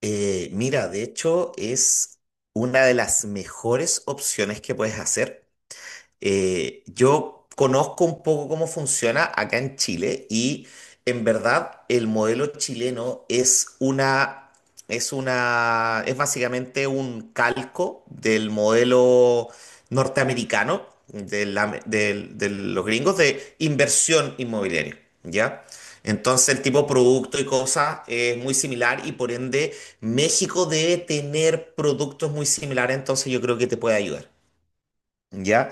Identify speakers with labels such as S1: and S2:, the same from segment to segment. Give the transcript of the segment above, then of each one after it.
S1: Mira, de hecho es una de las mejores opciones que puedes hacer. Yo conozco un poco cómo funciona acá en Chile y en verdad el modelo chileno es básicamente un calco del modelo norteamericano de los gringos de inversión inmobiliaria, ¿ya? Entonces el tipo de producto y cosas es muy similar y por ende México debe tener productos muy similares, entonces yo creo que te puede ayudar, ¿ya?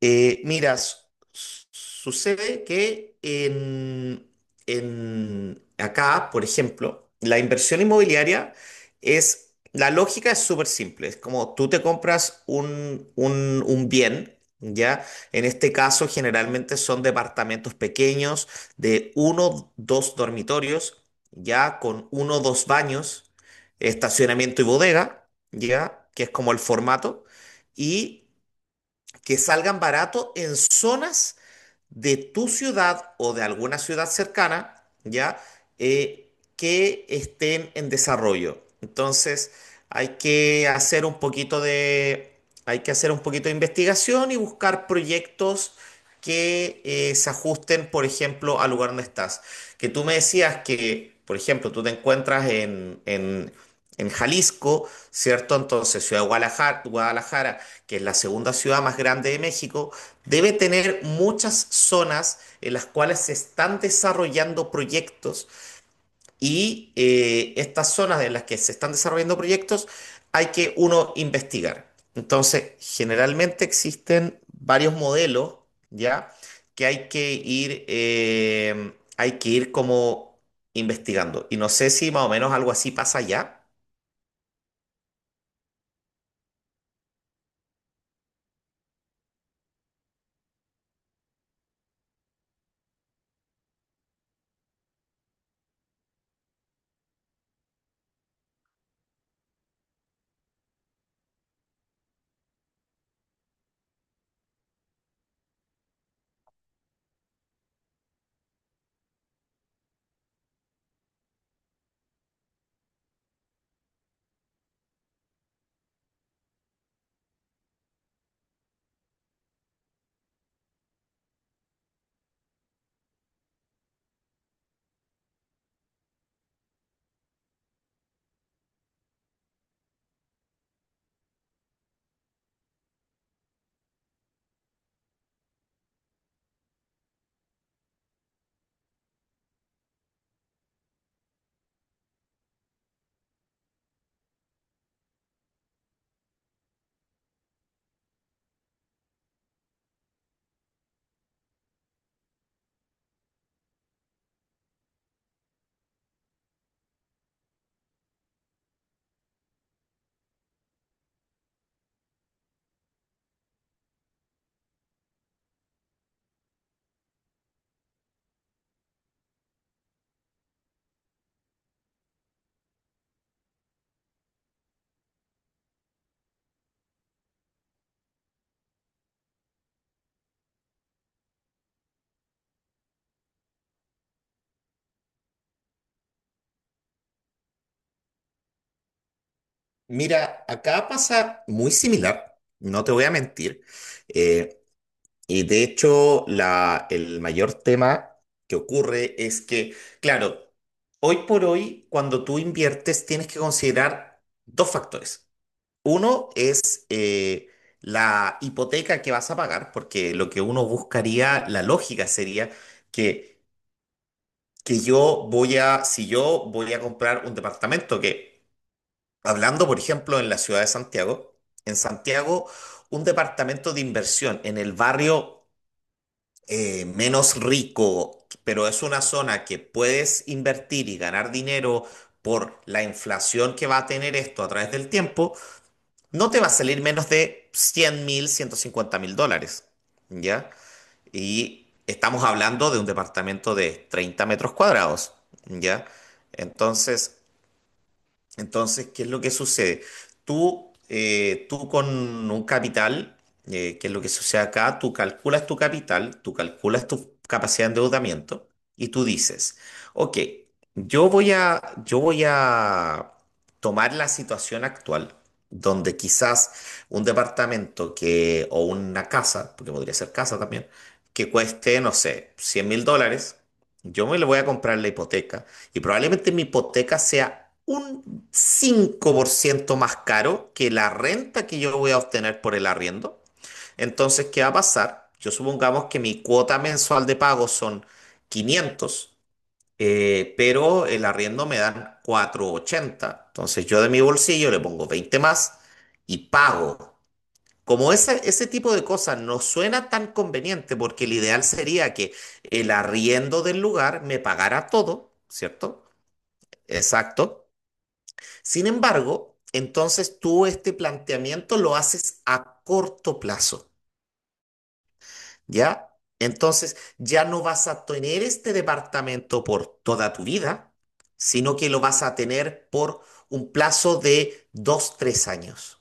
S1: Mira, sucede que acá, por ejemplo, la inversión inmobiliaria es, la lógica es súper simple, es como tú te compras un bien, ¿ya? En este caso, generalmente son departamentos pequeños de uno, dos dormitorios, ¿ya? Con uno, dos baños, estacionamiento y bodega, ¿ya? Que es como el formato. Y que salgan baratos en zonas de tu ciudad o de alguna ciudad cercana, ¿ya? Que estén en desarrollo. Entonces, hay que hacer un poquito de, hay que hacer un poquito de investigación y buscar proyectos que se ajusten, por ejemplo, al lugar donde estás. Que tú me decías que, por ejemplo, tú te encuentras en Jalisco, ¿cierto? Entonces, Ciudad de Guadalajara, Guadalajara, que es la segunda ciudad más grande de México, debe tener muchas zonas en las cuales se están desarrollando proyectos y estas zonas en las que se están desarrollando proyectos hay que uno investigar. Entonces, generalmente existen varios modelos, ¿ya? Que hay que ir como investigando. Y no sé si más o menos algo así pasa allá. Mira, acá pasa muy similar, no te voy a mentir. Eh, Y de hecho, el mayor tema que ocurre es que, claro, hoy por hoy, cuando tú inviertes, tienes que considerar dos factores. Uno es la hipoteca que vas a pagar, porque lo que uno buscaría, la lógica sería que, que si yo voy a comprar un departamento, que hablando, por ejemplo, en la ciudad de Santiago, en Santiago, un departamento de inversión en el barrio menos rico, pero es una zona que puedes invertir y ganar dinero por la inflación que va a tener esto a través del tiempo, no te va a salir menos de 100.000, 150.000 dólares, ¿ya? Y estamos hablando de un departamento de 30 metros cuadrados, ¿ya? Entonces, entonces, ¿qué es lo que sucede? Tú con un capital, ¿qué es lo que sucede acá? Tú calculas tu capital, tú calculas tu capacidad de endeudamiento y tú dices, ok, yo voy a tomar la situación actual, donde quizás un departamento o una casa, porque podría ser casa también, que cueste, no sé, 100.000 dólares, yo me le voy a comprar la hipoteca y probablemente mi hipoteca sea un 5% más caro que la renta que yo voy a obtener por el arriendo. Entonces, ¿qué va a pasar? Yo supongamos que mi cuota mensual de pago son 500, pero el arriendo me dan 480. Entonces, yo de mi bolsillo le pongo 20 más y pago. Como ese tipo de cosas no suena tan conveniente, porque el ideal sería que el arriendo del lugar me pagara todo, ¿cierto? Exacto. Sin embargo, entonces tú este planteamiento lo haces a corto plazo, ¿ya? Entonces ya no vas a tener este departamento por toda tu vida, sino que lo vas a tener por un plazo de 2, 3 años.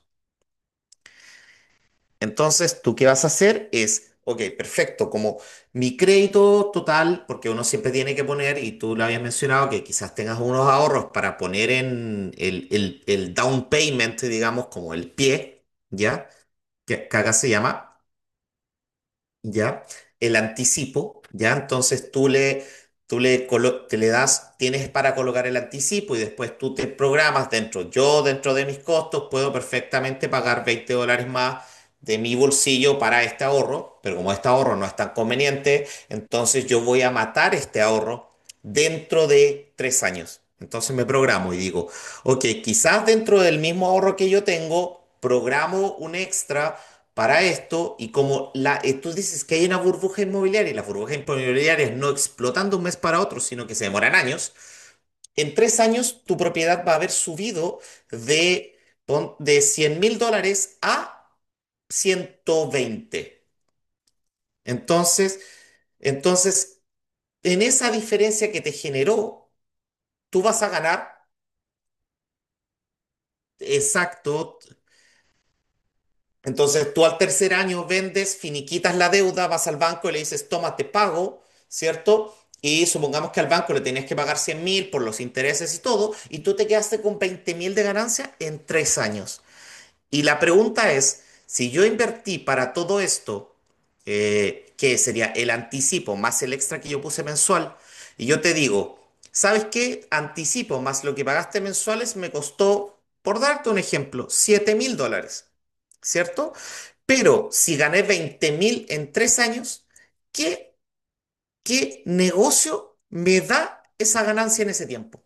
S1: Entonces, tú qué vas a hacer es, ok, perfecto, como mi crédito total, porque uno siempre tiene que poner, y tú lo habías mencionado, que quizás tengas unos ahorros para poner en el down payment, digamos, como el pie, ¿ya? Que acá se llama. ¿Ya? El anticipo, ¿ya? Entonces te le das, tienes para colocar el anticipo y después tú te programas dentro. Yo, dentro de mis costos, puedo perfectamente pagar 20 dólares más de mi bolsillo para este ahorro, pero como este ahorro no es tan conveniente, entonces yo voy a matar este ahorro dentro de 3 años. Entonces me programo y digo, ok, quizás dentro del mismo ahorro que yo tengo, programo un extra para esto y como tú dices que hay una burbuja inmobiliaria y las burbujas inmobiliarias no explotan de un mes para otro, sino que se demoran años, en 3 años tu propiedad va a haber subido de, de 100.000 dólares a 120. Entonces, entonces, en esa diferencia que te generó, tú vas a ganar. Exacto. Entonces tú al tercer año vendes, finiquitas la deuda, vas al banco y le dices, toma, te pago, ¿cierto? Y supongamos que al banco le tenías que pagar 100.000 por los intereses y todo, y tú te quedaste con 20.000 de ganancia en 3 años. Y la pregunta es, si yo invertí para todo esto, que sería el anticipo más el extra que yo puse mensual, y yo te digo, ¿sabes qué? Anticipo más lo que pagaste mensuales me costó, por darte un ejemplo, 7.000 dólares, ¿cierto? Pero si gané 20.000 en 3 años, ¿qué, qué negocio me da esa ganancia en ese tiempo?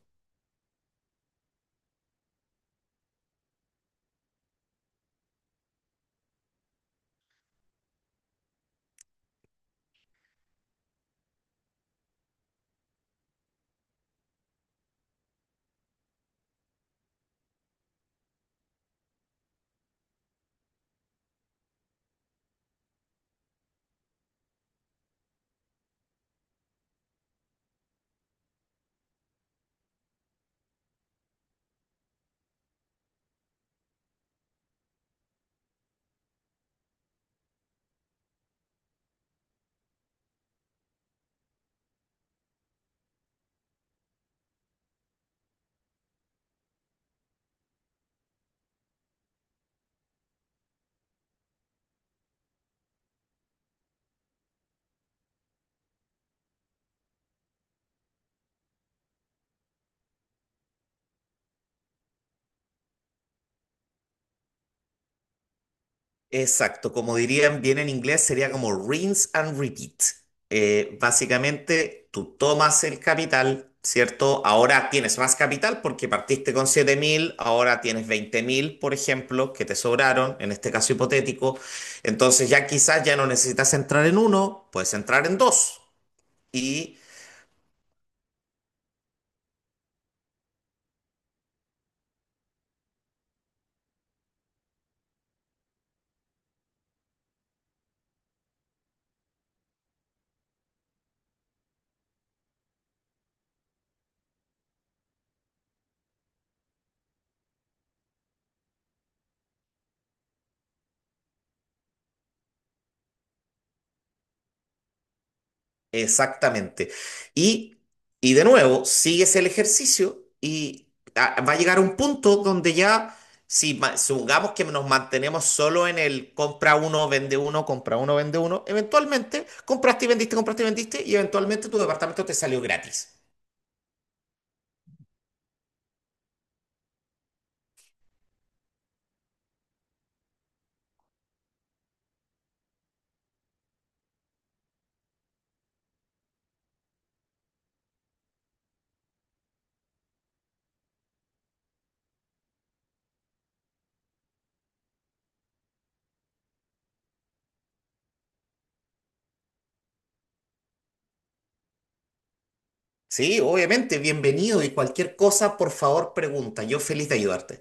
S1: Exacto, como dirían bien en inglés, sería como rinse and repeat. Básicamente, tú tomas el capital, ¿cierto? Ahora tienes más capital porque partiste con 7.000, ahora tienes 20.000, por ejemplo, que te sobraron, en este caso hipotético. Entonces ya quizás ya no necesitas entrar en uno, puedes entrar en dos. Y, exactamente. Y, y de nuevo, sigues el ejercicio y va a llegar un punto donde ya, si ma- supongamos que nos mantenemos solo en el compra uno, vende uno, compra uno, vende uno, eventualmente compraste y vendiste y eventualmente tu departamento te salió gratis. Sí, obviamente, bienvenido y cualquier cosa, por favor, pregunta. Yo feliz de ayudarte.